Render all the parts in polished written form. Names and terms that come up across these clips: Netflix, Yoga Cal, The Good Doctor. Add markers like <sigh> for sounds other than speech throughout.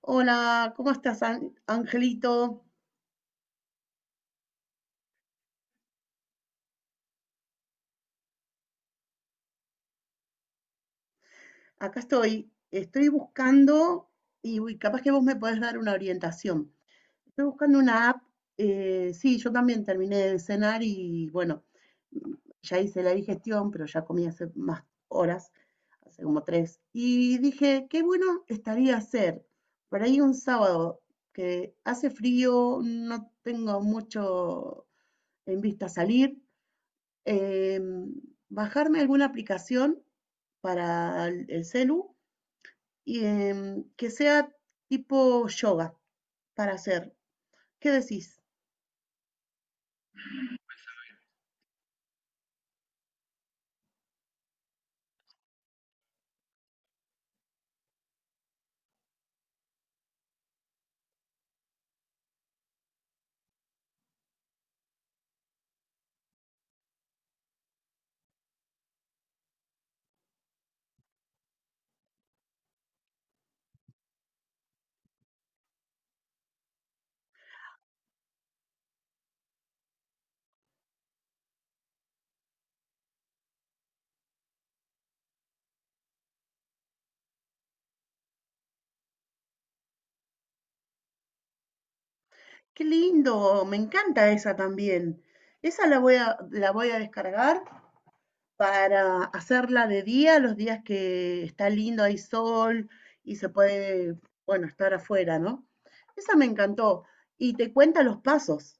Hola, ¿cómo estás, Angelito? Acá estoy. Estoy buscando. Uy, capaz que vos me podés dar una orientación. Estoy buscando una app. Sí, yo también terminé de cenar y bueno, mm, ya hice la digestión, pero ya comí hace más horas, hace como tres. Y dije, qué bueno estaría hacer por ahí un sábado que hace frío, no tengo mucho en vista salir. em, Bajarme alguna aplicación para el celu y que sea tipo yoga para hacer. ¿Qué decís? Qué lindo, me encanta esa también. Esa la voy a descargar para hacerla de día, los días que está lindo, hay sol y se puede, bueno, estar afuera, ¿no? Esa me encantó. Y te cuenta los pasos.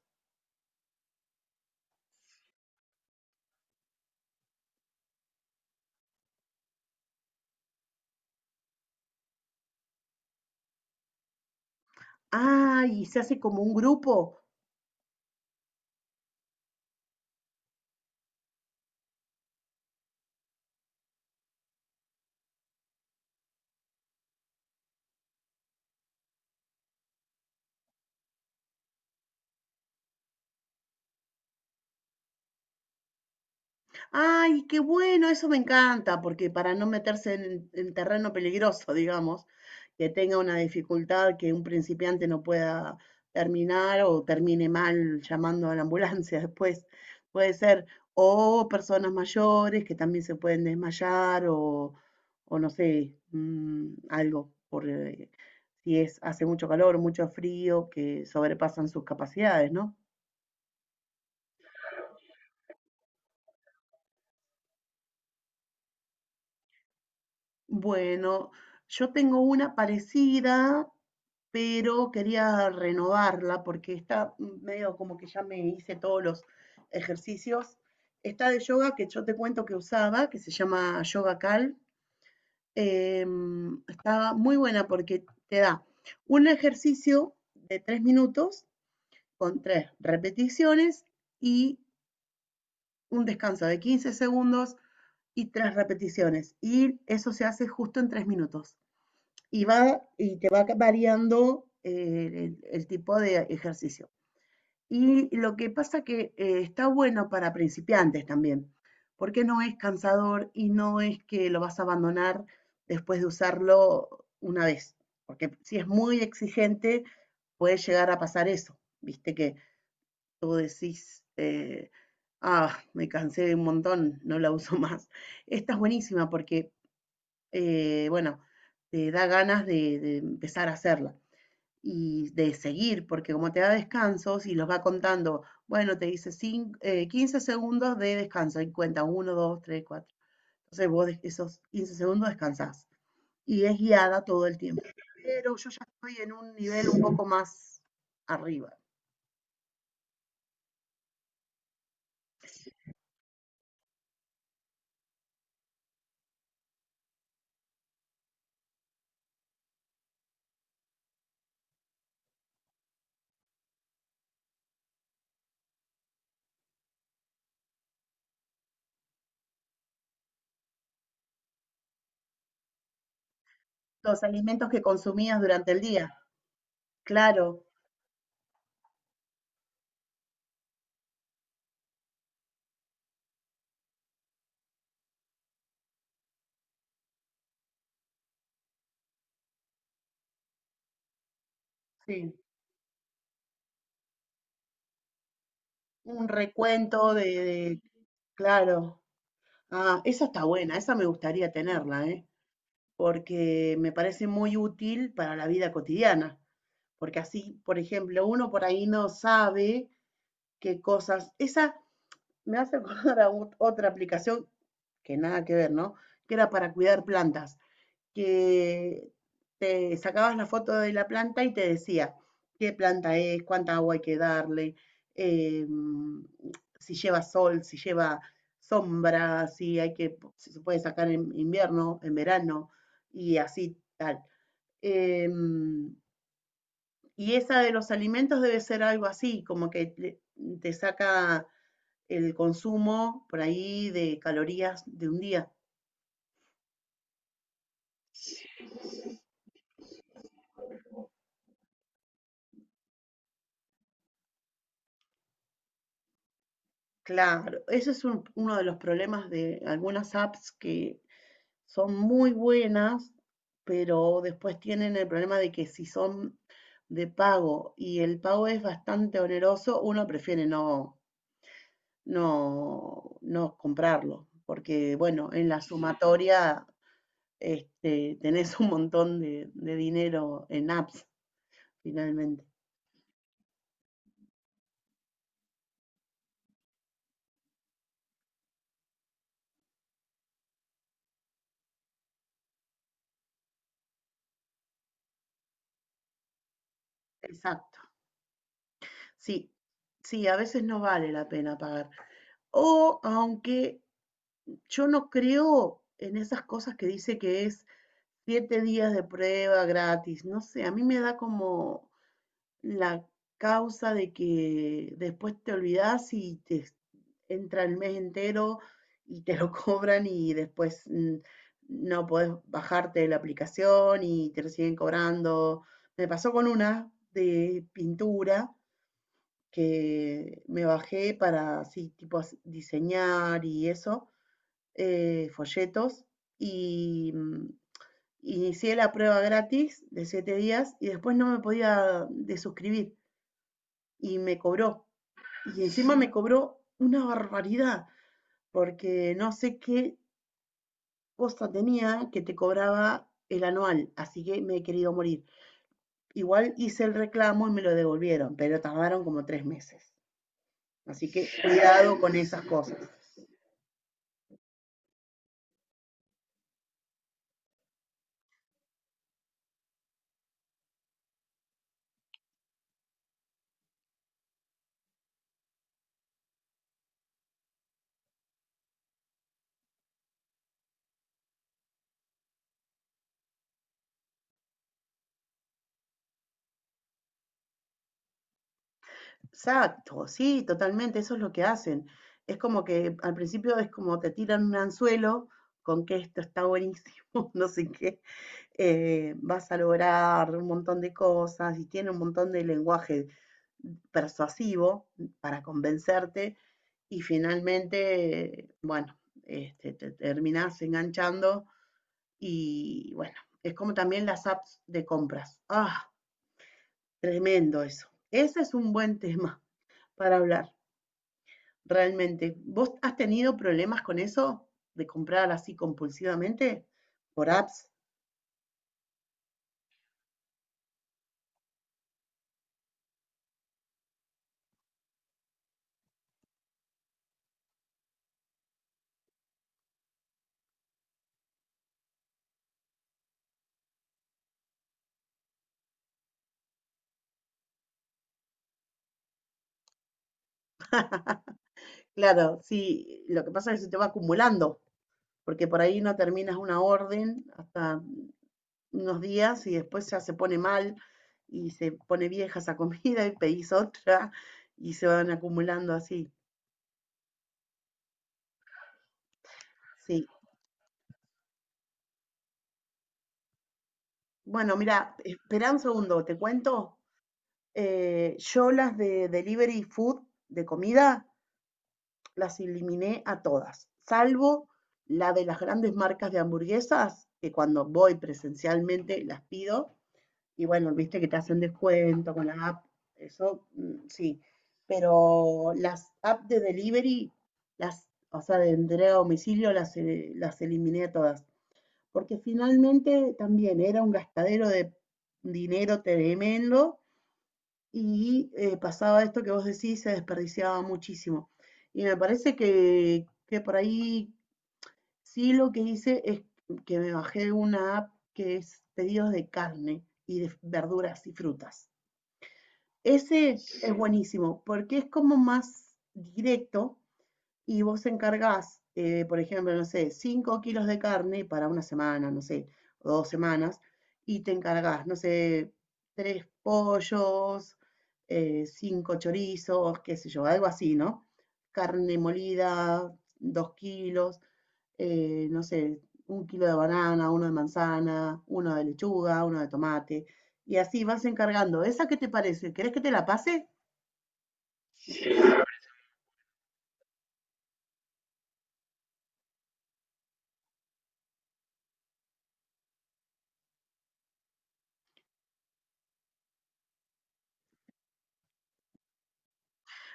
Ah, y se hace como un grupo. Ay, qué bueno, eso me encanta, porque para no meterse en terreno peligroso, digamos, que tenga una dificultad que un principiante no pueda terminar o termine mal llamando a la ambulancia <laughs> después, puede ser, o personas mayores que también se pueden desmayar o no sé, mm, algo, por, si es, hace mucho calor, mucho frío, que sobrepasan sus capacidades, ¿no? Bueno, yo tengo una parecida, pero quería renovarla porque está medio como que ya me hice todos los ejercicios. Está de yoga que yo te cuento que usaba, que se llama Yoga Cal. Está muy buena porque te da un ejercicio de 3 minutos con 3 repeticiones y un descanso de 15 segundos y 3 repeticiones. Y eso se hace justo en 3 minutos. Y te va variando el, tipo de ejercicio. Y lo que pasa que está bueno para principiantes también, porque no es cansador y no es que lo vas a abandonar después de usarlo una vez, porque si es muy exigente puede llegar a pasar eso, viste que tú decís, ah, me cansé de un montón, no la uso <laughs> más. Esta es buenísima porque bueno, te da ganas de empezar a hacerla y de seguir, porque como te da descansos y los va contando, bueno, te dice 15 segundos de descanso y cuenta uno 2 3 cuatro. Entonces vos esos 15 segundos descansás y es guiada todo el tiempo. Pero yo ya estoy en un nivel un poco más arriba. Los alimentos que consumías durante el día, claro, sí. Un recuento de. Claro. Ah, esa está buena, esa me gustaría tenerla, ¿eh? Porque me parece muy útil para la vida cotidiana. Porque así, por ejemplo, uno por ahí no sabe qué cosas. Esa me hace <laughs> acordar a otra aplicación que nada que ver, ¿no? Que era para cuidar plantas que te sacabas la foto de la planta y te decía qué planta es, cuánta agua hay que darle, eh, si lleva sol, si lleva sombra, si hay que, si se puede sacar en invierno, en verano, y así tal. Eh, y esa de los alimentos debe ser algo así, como que te saca el consumo por ahí de calorías de un día. Claro, eso es uno de los problemas de algunas apps que son muy buenas, pero después tienen el problema de que si son de pago y el pago es bastante oneroso, uno prefiere no comprarlo, porque bueno, en la sumatoria este, tenés un montón de dinero en apps, finalmente. Exacto. Sí, sí, a veces no vale la pena pagar. O aunque yo no creo en esas cosas que dice que es 7 días de prueba gratis. No sé, a mí me da como la causa de que después te olvidas y te entra el mes entero y te lo <laughs> cobran y después mm, no podés bajarte de la aplicación y te lo siguen cobrando. Me pasó con una de pintura que me bajé para así, diseñar y eso, folletos y mm, inicié la prueba gratis de 7 días y después no me podía desuscribir y me cobró. Y encima me cobró una barbaridad porque no sé qué cosa tenía que te cobraba el anual, así que me he querido morir. Igual hice el reclamo y me lo devolvieron, pero tardaron como 3 meses. Así que cuidado con esas cosas. Exacto, sí, totalmente, eso es lo que hacen. Es como que al principio es como te tiran un anzuelo con que esto está buenísimo, <laughs> no sé qué, vas a lograr un montón de cosas y tiene un montón de lenguaje persuasivo para convencerte y finalmente, bueno, este, te terminás enganchando y bueno, es como también las apps de compras. Ah, tremendo eso. Ese es un buen tema <laughs> para hablar. Realmente. ¿Vos has tenido problemas con eso de comprar así compulsivamente por apps? Claro, sí, lo que pasa es que se te va acumulando, porque por ahí no terminas una orden hasta unos días y después ya se pone mal y se pone vieja esa comida y pedís otra y se van acumulando así. Sí. Bueno, mira, espera un segundo, te cuento. Yo las de delivery food, de comida, las eliminé a todas, salvo la de las grandes marcas de hamburguesas, que cuando voy presencialmente las pido, y bueno, viste que te hacen descuento con la app, eso mm, sí, pero las apps de delivery, las, o sea, de entrega a domicilio, las eliminé a todas, porque finalmente también era un gastadero de dinero tremendo y pasaba esto que vos decís, se desperdiciaba muchísimo. Y me parece que por ahí sí, lo que hice es que me bajé una app que es pedidos de carne y de verduras y frutas. Ese es buenísimo porque es como más directo y vos encargás, por ejemplo, no sé, 5 kilos de carne para una semana, no sé, o 2 semanas, y te encargás, no sé, 3 pollos, 5 chorizos, qué sé yo, algo así, ¿no? Carne molida, 2 kilos, no sé, 1 kilo de banana, uno de manzana, uno de lechuga, uno de tomate, y así vas encargando. ¿Esa qué te parece? ¿Querés que te la pase?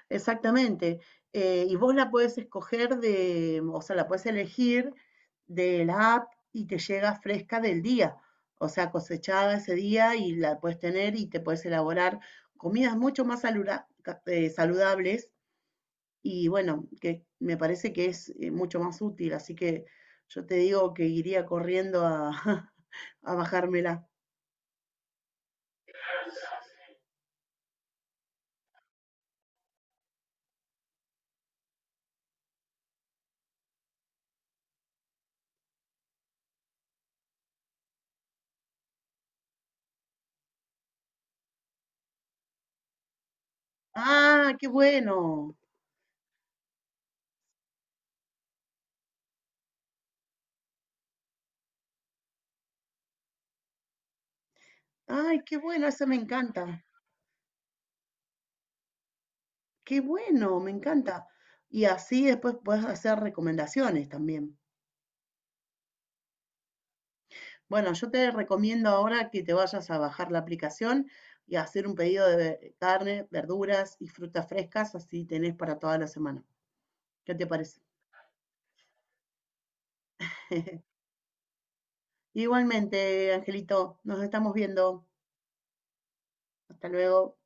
Exactamente. Y vos la puedes escoger de, o sea, la puedes elegir de la app y te llega fresca del día, o sea, cosechada ese día y la puedes tener y te puedes elaborar comidas mucho más saludables y bueno, que me parece que es mucho más útil, así que yo te digo que iría corriendo a, <laughs> a bajármela. Ah, qué bueno. Ay, qué bueno, esa me encanta. Qué bueno, me encanta. Y así después puedes hacer recomendaciones también. Bueno, yo te recomiendo ahora que te vayas a bajar la aplicación y hacer un pedido de carne, verduras y frutas frescas, así tenés para toda la semana. ¿Qué te parece? <laughs> Igualmente, Angelito, nos estamos viendo. Hasta luego.